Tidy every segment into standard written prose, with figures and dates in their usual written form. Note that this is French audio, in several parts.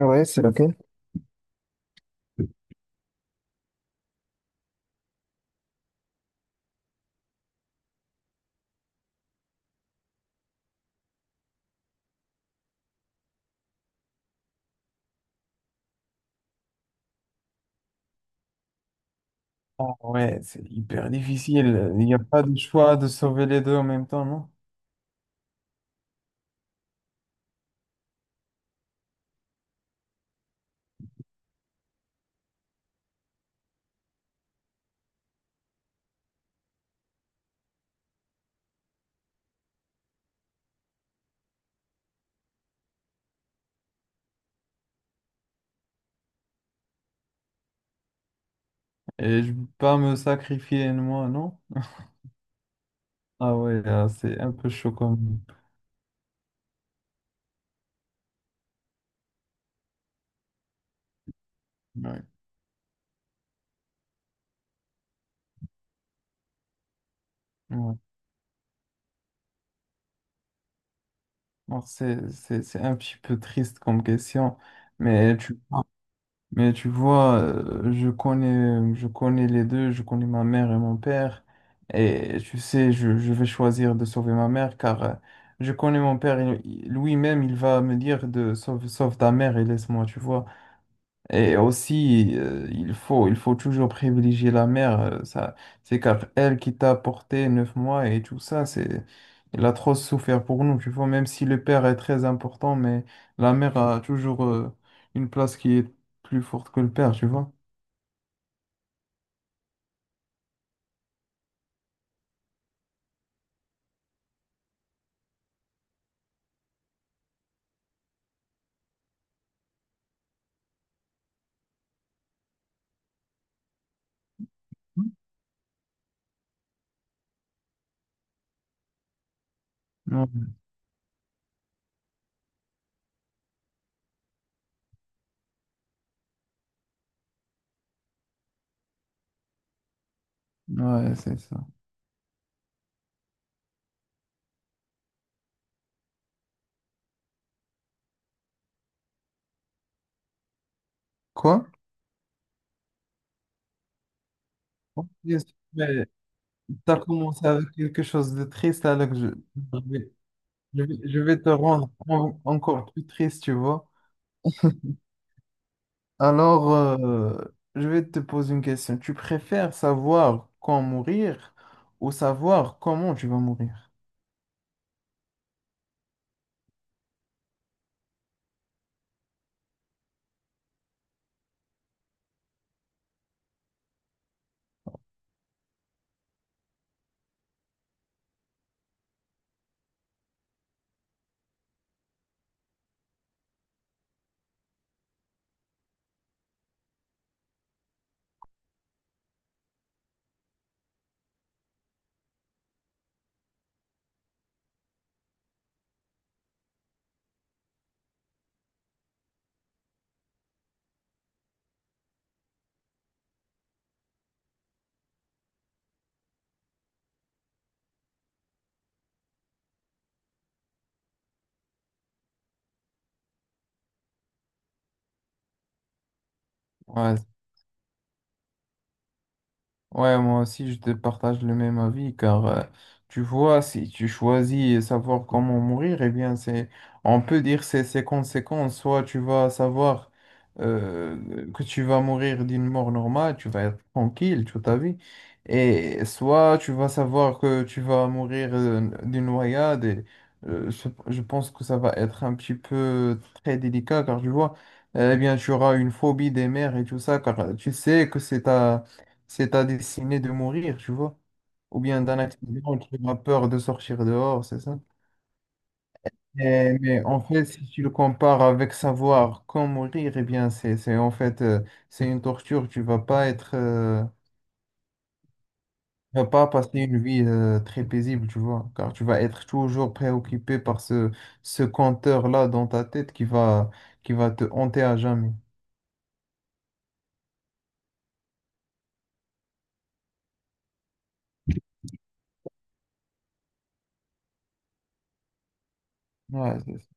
Ouais, c'est laquelle? Ah ouais, c'est hyper difficile. Il n'y a pas de choix de sauver les deux en même temps, non? Et je ne peux pas me sacrifier, moi, non? Ah ouais, là, c'est un peu chaud comme. Ouais, ouais. Alors, c'est un petit peu triste comme question, mais tu... Mais tu vois, je connais les deux, je connais ma mère et mon père. Et tu sais, je vais choisir de sauver ma mère car je connais mon père. Et lui-même, il va me dire de sauve ta mère et laisse-moi, tu vois. Et aussi, il faut toujours privilégier la mère. Ça, c'est car elle qui t'a porté 9 mois et tout ça, c'est, elle a trop souffert pour nous, tu vois. Même si le père est très important, mais la mère a toujours, une place qui est plus forte que le père, tu vois. Ouais, ouais, c'est ça. Quoi? Bien sûr, mais t'as commencé avec quelque chose de triste, alors que je, je vais, je vais te rendre encore plus triste, tu vois. Alors, je vais te poser une question. Tu préfères savoir quand mourir ou savoir comment tu vas mourir? Ouais, Ouais, moi aussi, je te partage le même avis, car tu vois, si tu choisis savoir comment mourir, eh bien, c'est, on peut dire c'est ses conséquences. Soit tu vas savoir que tu vas mourir d'une mort normale, tu vas être tranquille toute ta vie, et soit tu vas savoir que tu vas mourir d'une noyade. Et, je pense que ça va être un petit peu très délicat, car tu vois, eh bien, tu auras une phobie des mers et tout ça, car tu sais que c'est ta destinée de mourir, tu vois. Ou bien d'un accident, tu as peur de sortir dehors, c'est ça? Mais en fait, si tu le compares avec savoir quand mourir, eh bien, c'est en fait, c'est une torture. Tu vas pas être, tu vas pas passer une vie, très paisible, tu vois, car tu vas être toujours préoccupé par ce, ce compteur-là dans ta tête qui va te hanter à jamais. Ouais, c'est ça.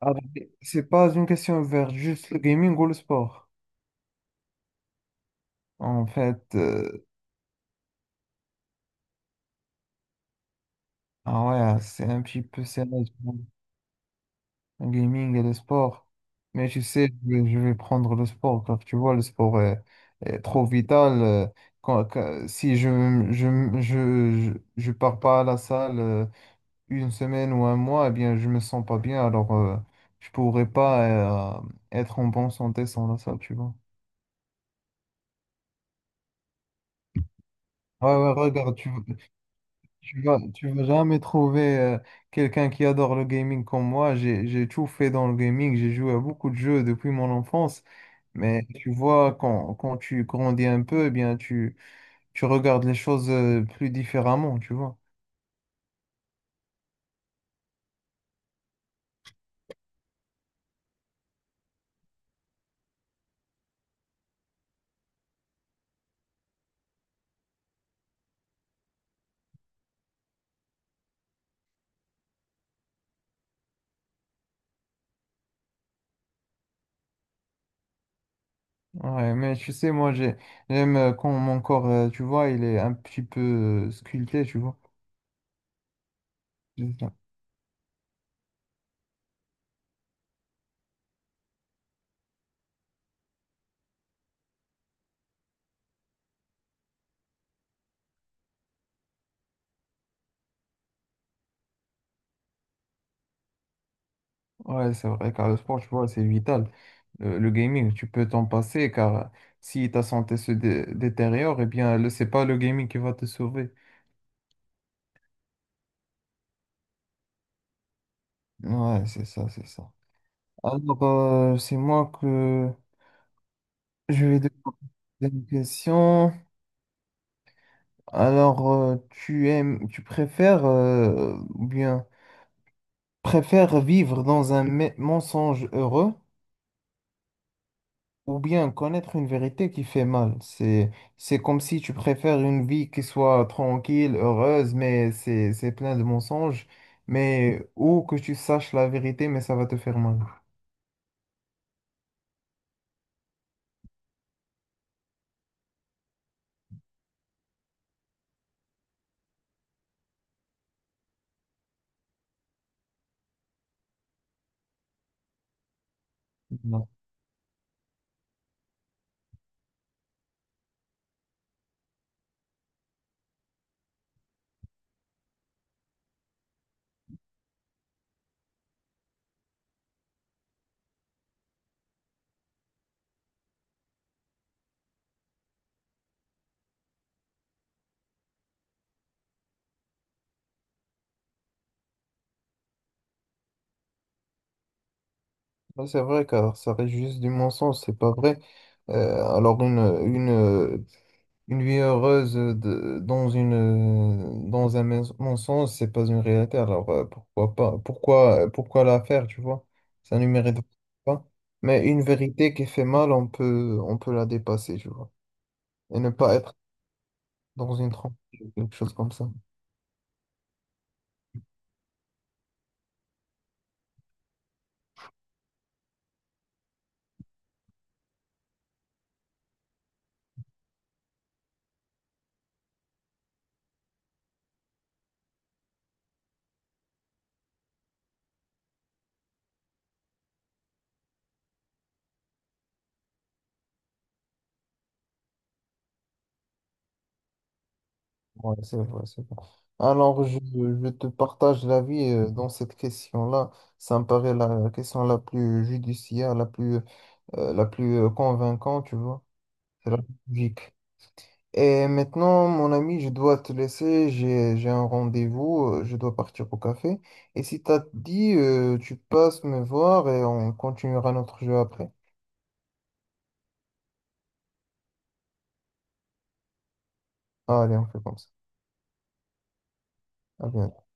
Ah, mais c'est pas une question vers juste le gaming ou le sport. En fait, ah ouais, ah, c'est un petit peu sérieux, pour le gaming et le sport. Mais tu sais, je vais prendre le sport, car tu vois, est trop vital. Si je, je, je, je pars pas à la salle une semaine ou un mois, eh bien, je me sens pas bien, alors je pourrais pas être en bonne santé sans la salle, tu vois. Ouais, ouais, regarde, tu... tu vas jamais trouver quelqu'un qui adore le gaming comme moi. J'ai tout fait dans le gaming. J'ai joué à beaucoup de jeux depuis mon enfance. Mais tu vois, quand tu grandis un peu, eh bien, tu regardes les choses plus différemment, tu vois. Ouais, mais tu sais, moi, j'ai, j'aime quand mon corps, tu vois, il est un petit peu sculpté, tu vois. Ouais, c'est vrai, car le sport, tu vois, c'est vital. Le gaming, tu peux t'en passer, car si ta santé se détériore, eh bien, c'est pas le gaming qui va te sauver. Ouais, c'est ça, c'est ça. Alors, c'est moi que je vais te poser une question. Alors, tu aimes, tu préfères, ou bien, préfères vivre dans un mensonge heureux, ou bien connaître une vérité qui fait mal. C'est comme si tu préfères une vie qui soit tranquille, heureuse, mais c'est plein de mensonges. Mais, ou que tu saches la vérité, mais ça va te faire mal. Non. Ouais, c'est vrai, car ça reste juste du mensonge, c'est pas vrai. Alors, une... Une vie heureuse dans une, dans un mensonge, c'est pas une réalité. Alors pourquoi pas? Pourquoi la faire, tu vois? Ça ne mérite pas. Mais une vérité qui fait mal, on peut la dépasser, tu vois. Et ne pas être dans une trompe, quelque chose comme ça. Ouais, c'est vrai, c'est vrai. Alors, je te partage l'avis dans cette question-là. Ça me paraît la question la plus judiciaire, la plus convaincante, tu vois. C'est la plus logique. Et maintenant, mon ami, je dois te laisser. J'ai un rendez-vous. Euh, je dois partir au café. Et si t'as dit, tu passes me voir et on continuera notre jeu après. Allez, on fait comme ça. À bientôt.